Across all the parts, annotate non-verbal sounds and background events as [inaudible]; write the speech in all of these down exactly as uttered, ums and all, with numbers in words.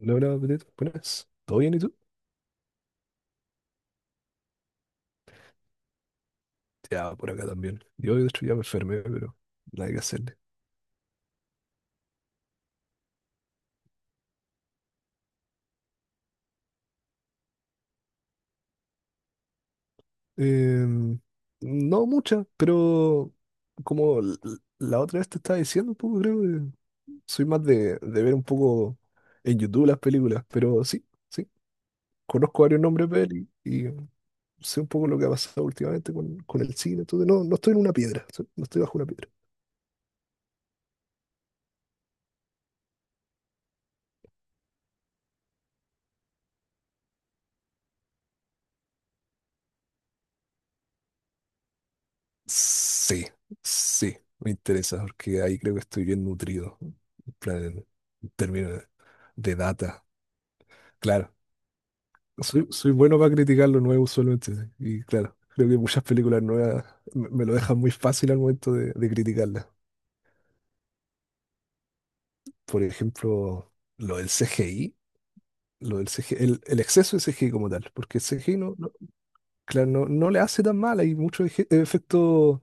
No, hola, Petito, buenas. ¿Todo bien y tú? Ya, por acá también. Yo, de hecho, ya me enfermé, pero nada que hacerle. Em, no mucha, pero como l- la otra vez te estaba diciendo un poco, creo que soy más de, de ver un poco en YouTube las películas, pero sí, sí, conozco varios nombres de peli y sé un poco lo que ha pasado últimamente con, con el cine. Entonces, no, no estoy en una piedra, so- no estoy bajo una piedra. Sí, sí, me interesa porque ahí creo que estoy bien nutrido, en plan, en términos de data. Claro, soy, soy bueno para criticar lo nuevo usualmente, sí, y claro, creo que muchas películas nuevas me, me lo dejan muy fácil al momento de, de criticarlas. Por ejemplo, lo del C G I, lo del C G I, el, el exceso de C G I como tal, porque el C G I no, no- claro, no, no le hace tan mal, hay muchos eje- efectos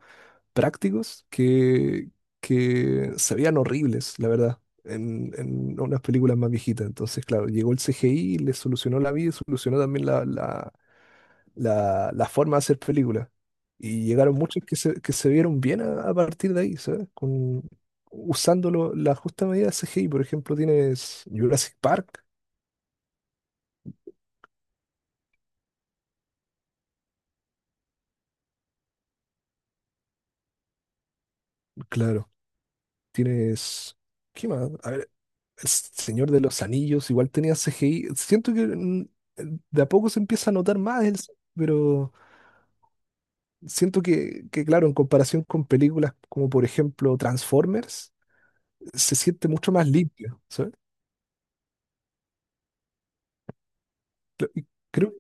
prácticos que, que se veían horribles, la verdad, en, en unas películas más viejitas. Entonces, claro, llegó el C G I, y le solucionó la vida y solucionó también la, la, la, la forma de hacer películas. Y llegaron muchos que se, que se vieron bien a, a partir de ahí, ¿sabes? Con, usando lo- la justa medida de C G I. Por ejemplo, tienes Jurassic Park. Claro, tienes... ¿Qué más? El Señor de los Anillos igual tenía C G I. Siento que mm, de a poco se empieza a notar más, el- pero siento que, que, claro, en comparación con películas como por ejemplo Transformers, se siente mucho más limpio, ¿sabes? Cre- y Creo,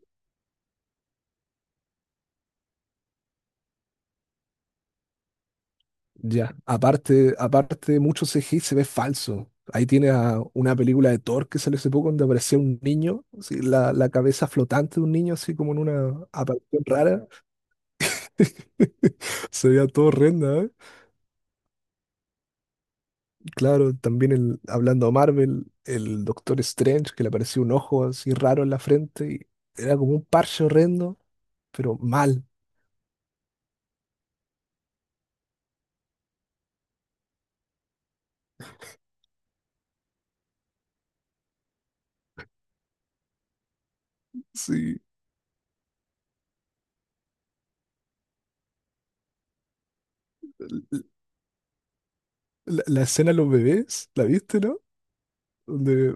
ya, aparte, aparte de mucho C G I se ve falso. Ahí tiene a una película de Thor que salió hace poco donde aparecía un niño, así, la, la cabeza flotante de un niño así como en una aparición rara. [laughs] Se veía todo horrenda. Claro, también el, hablando de Marvel, el Doctor Strange, que le apareció un ojo así raro en la frente y era como un parche horrendo, pero mal. Sí. La, la escena de los bebés, ¿la viste, no? Donde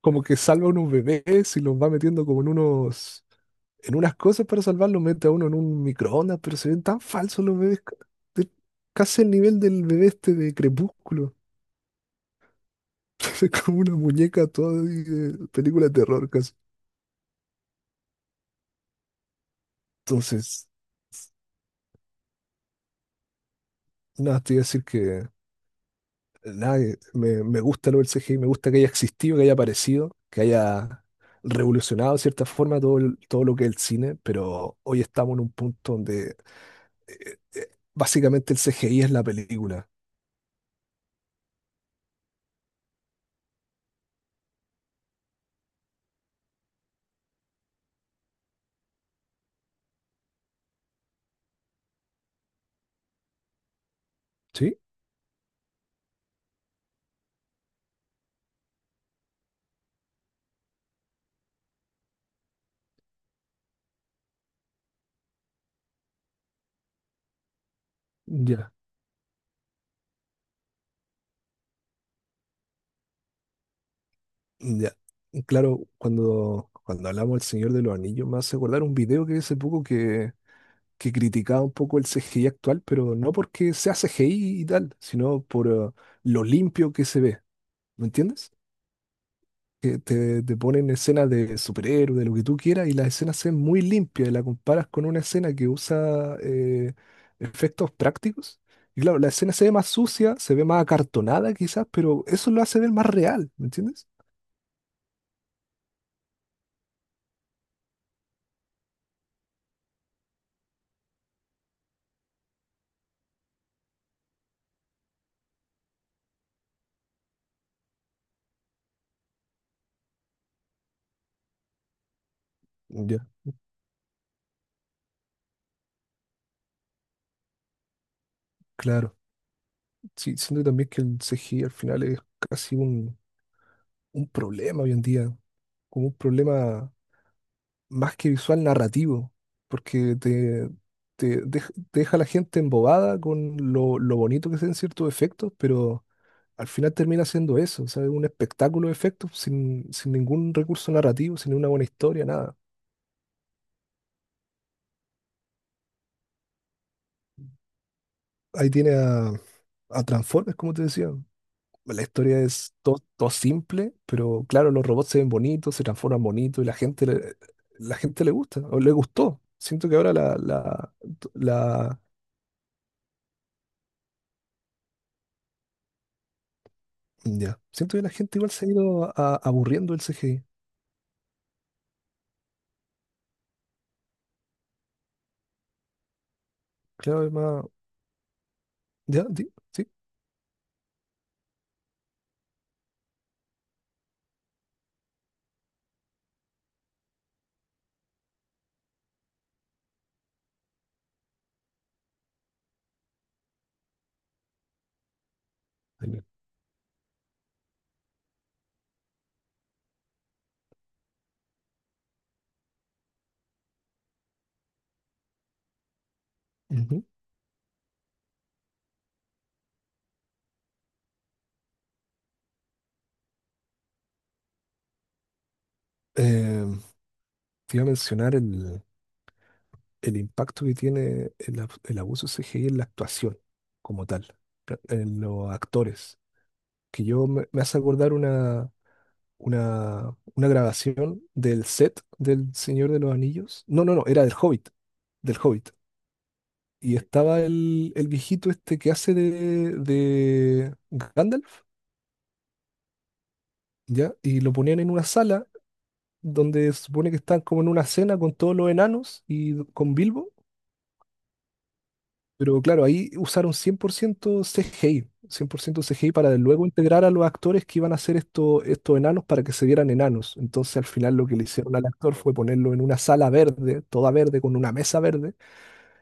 como que salva a unos bebés y los va metiendo como en unos, en unas cosas para salvarlos, mete a uno en un microondas, pero se ven tan falsos los bebés, ca- de- casi el nivel del bebé este de Crepúsculo. [laughs] Es como una muñeca toda de de película de terror casi. Entonces. Nada, te iba a decir que nada, que me, me gusta lo del C G I, me gusta que haya existido, que haya aparecido, que haya revolucionado de cierta forma todo, el- todo lo que es el cine, pero hoy estamos en un punto donde básicamente el C G I es la película. ¿Sí? Ya. Ya. Y claro, cuando, cuando hablamos del Señor de los Anillos, me hace acordar un video que vi hace poco que, que criticaba un poco el C G I actual, pero no porque sea C G I y tal, sino por eh, lo limpio que se ve. ¿Me entiendes? Que te, te ponen escenas de superhéroes, de lo que tú quieras, y las escenas se ven muy limpias y la comparas con una escena que usa eh, efectos prácticos. Y claro, la escena se ve más sucia, se ve más acartonada quizás, pero eso lo hace ver más real, ¿me entiendes? Ya. Claro, sí, siento también que el C G I al final es casi un, un problema hoy en día, como un problema más que visual narrativo, porque te, te dej- te deja a la gente embobada con lo, lo bonito que se ven ciertos efectos, pero al final termina siendo eso, o sea, un espectáculo de efectos sin, sin ningún recurso narrativo, sin una buena historia, nada. Ahí tiene a, a Transformers, como te decía. La historia es todo, todo simple, pero claro, los robots se ven bonitos, se transforman bonitos y la gente le, la gente le gusta, o le gustó. Siento que ahora la, la, la- ya. Siento que la gente igual se ha ido a- aburriendo del C G I. Claro, es más. Ya, di- sí. Ahí bien. Ujú. Eh, Te iba a mencionar el. el impacto que tiene el, ab- el abuso C G I en la actuación como tal, pra- en los actores. Que yo me, me hace acordar una, una, una grabación del set del Señor de los Anillos. No, no, no, era del Hobbit, del Hobbit. Y estaba el, el viejito este que hace de, de Gandalf, ¿ya? Y lo ponían en una sala donde se supone que están como en una cena con todos los enanos y con Bilbo. Pero claro, ahí usaron cien por ciento C G I, cien por ciento C G I para luego integrar a los actores que iban a hacer esto- estos enanos para que se vieran enanos. Entonces al final lo que le hicieron al actor fue ponerlo en una sala verde, toda verde, con una mesa verde,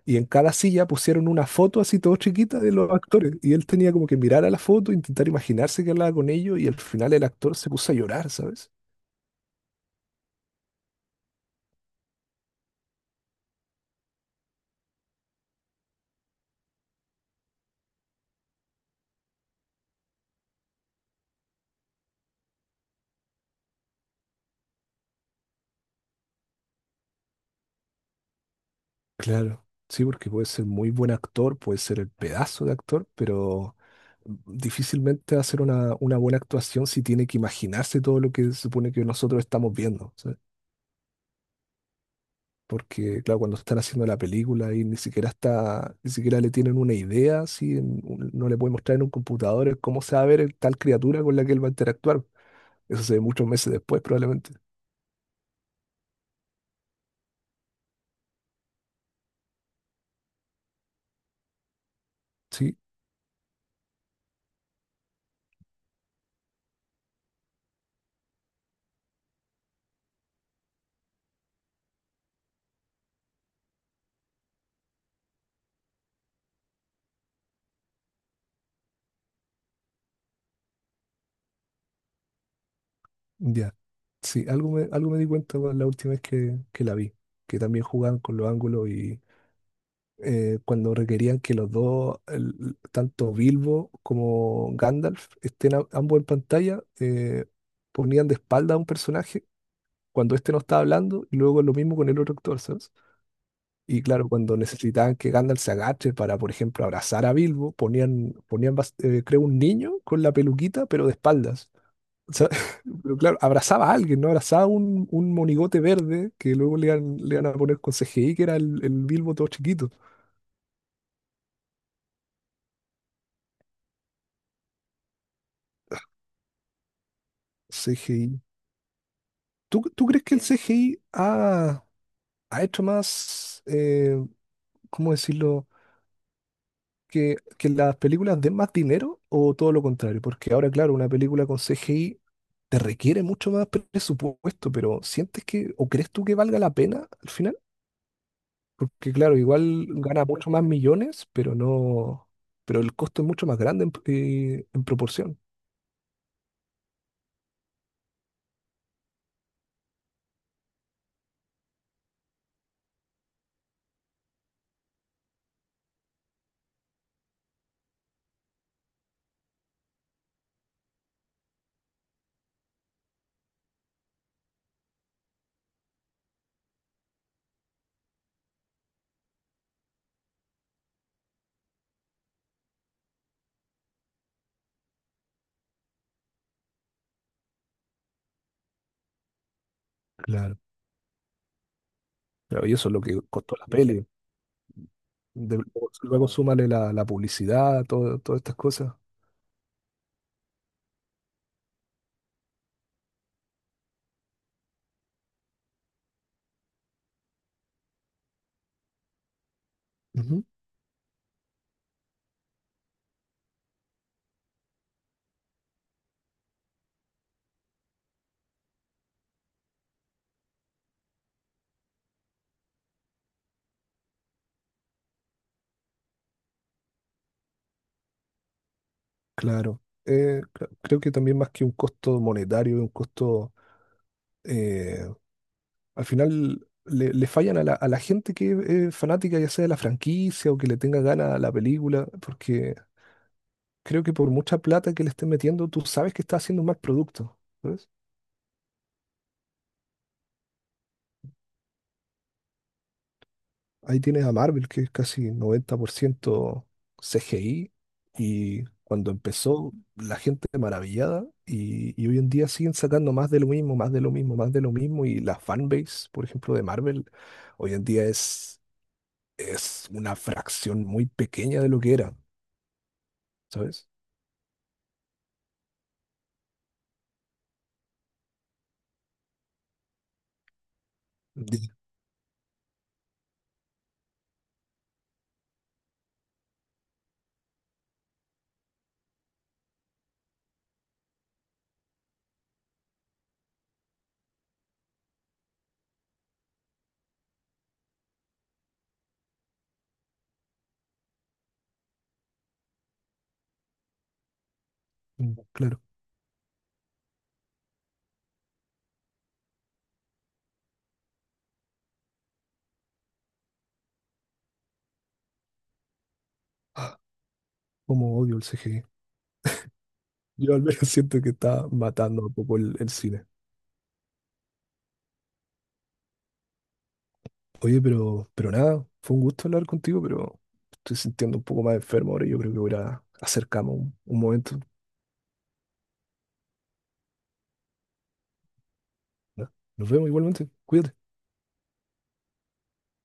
y en cada silla pusieron una foto así todo chiquita de los actores. Y él tenía como que mirar a la foto, intentar imaginarse que hablaba con ellos, y al final el actor se puso a llorar, ¿sabes? Claro, sí, porque puede ser muy buen actor, puede ser el pedazo de actor, pero difícilmente va a ser una, una buena actuación si tiene que imaginarse todo lo que se supone que nosotros estamos viendo, ¿sabes? Porque, claro, cuando están haciendo la película y ni siquiera está, ni siquiera le tienen una idea, si no le pueden mostrar en un computador cómo se va a ver el- tal criatura con la que él va a interactuar. Eso se ve muchos meses después, probablemente. Sí, ya. Sí, algo me, algo me di cuenta con la última vez que, que la vi, que también jugaban con los ángulos eh, cuando requerían que los dos, el- tanto Bilbo como Gandalf, estén a- ambos en pantalla, eh, ponían de espalda a un personaje cuando este no estaba hablando y luego lo mismo con el otro actor, ¿sabes? Y claro, cuando necesitaban que Gandalf se agache para, por ejemplo, abrazar a Bilbo, ponían, ponían bas- eh, creo, un niño con la peluquita, pero de espaldas. O sea, [laughs] pero claro, abrazaba a alguien, ¿no? Abrazaba un, un monigote verde que luego le iban, le iban a poner con C G I, que era el, el Bilbo todo chiquito. C G I. ¿Tú, tú crees que el Eh, C G I ha, ha hecho más, eh, cómo decirlo? Que, que las películas den más dinero o todo lo contrario? Porque ahora, claro, una película con C G I te requiere mucho más presupuesto, pero ¿sientes que, o crees tú que valga la pena al final? Porque, claro, igual gana mucho más millones, pero no, pero el costo es mucho más grande en, eh, en proporción. Claro. Claro, y eso es lo que costó la sí, peli. De- Luego súmale la, la publicidad, todo- todas estas cosas. Claro. Eh, cre- creo que también más que un costo monetario, un costo, eh, al final le, le fallan a la, a la gente que es fanática ya sea de la franquicia o que le tenga ganas a la película, porque creo que por mucha plata que le estén metiendo, tú sabes que está haciendo un mal producto. Ahí tienes a Marvel, que es casi noventa por ciento C G I, y cuando empezó la gente maravillada, y, y hoy en día siguen sacando más de lo mismo, más de lo mismo, más de lo mismo, y la fanbase, por ejemplo, de Marvel, hoy en día es, es una fracción muy pequeña de lo que era, ¿sabes? Di- Claro, como odio el C G I. Yo al menos [laughs] siento que está matando un poco el, el cine. Oye, pero, pero nada, fue un gusto hablar contigo, pero estoy sintiendo un poco más enfermo ahora y yo creo que voy a ir a hacer cama un, un momento. Nos vemos igualmente, cuídate.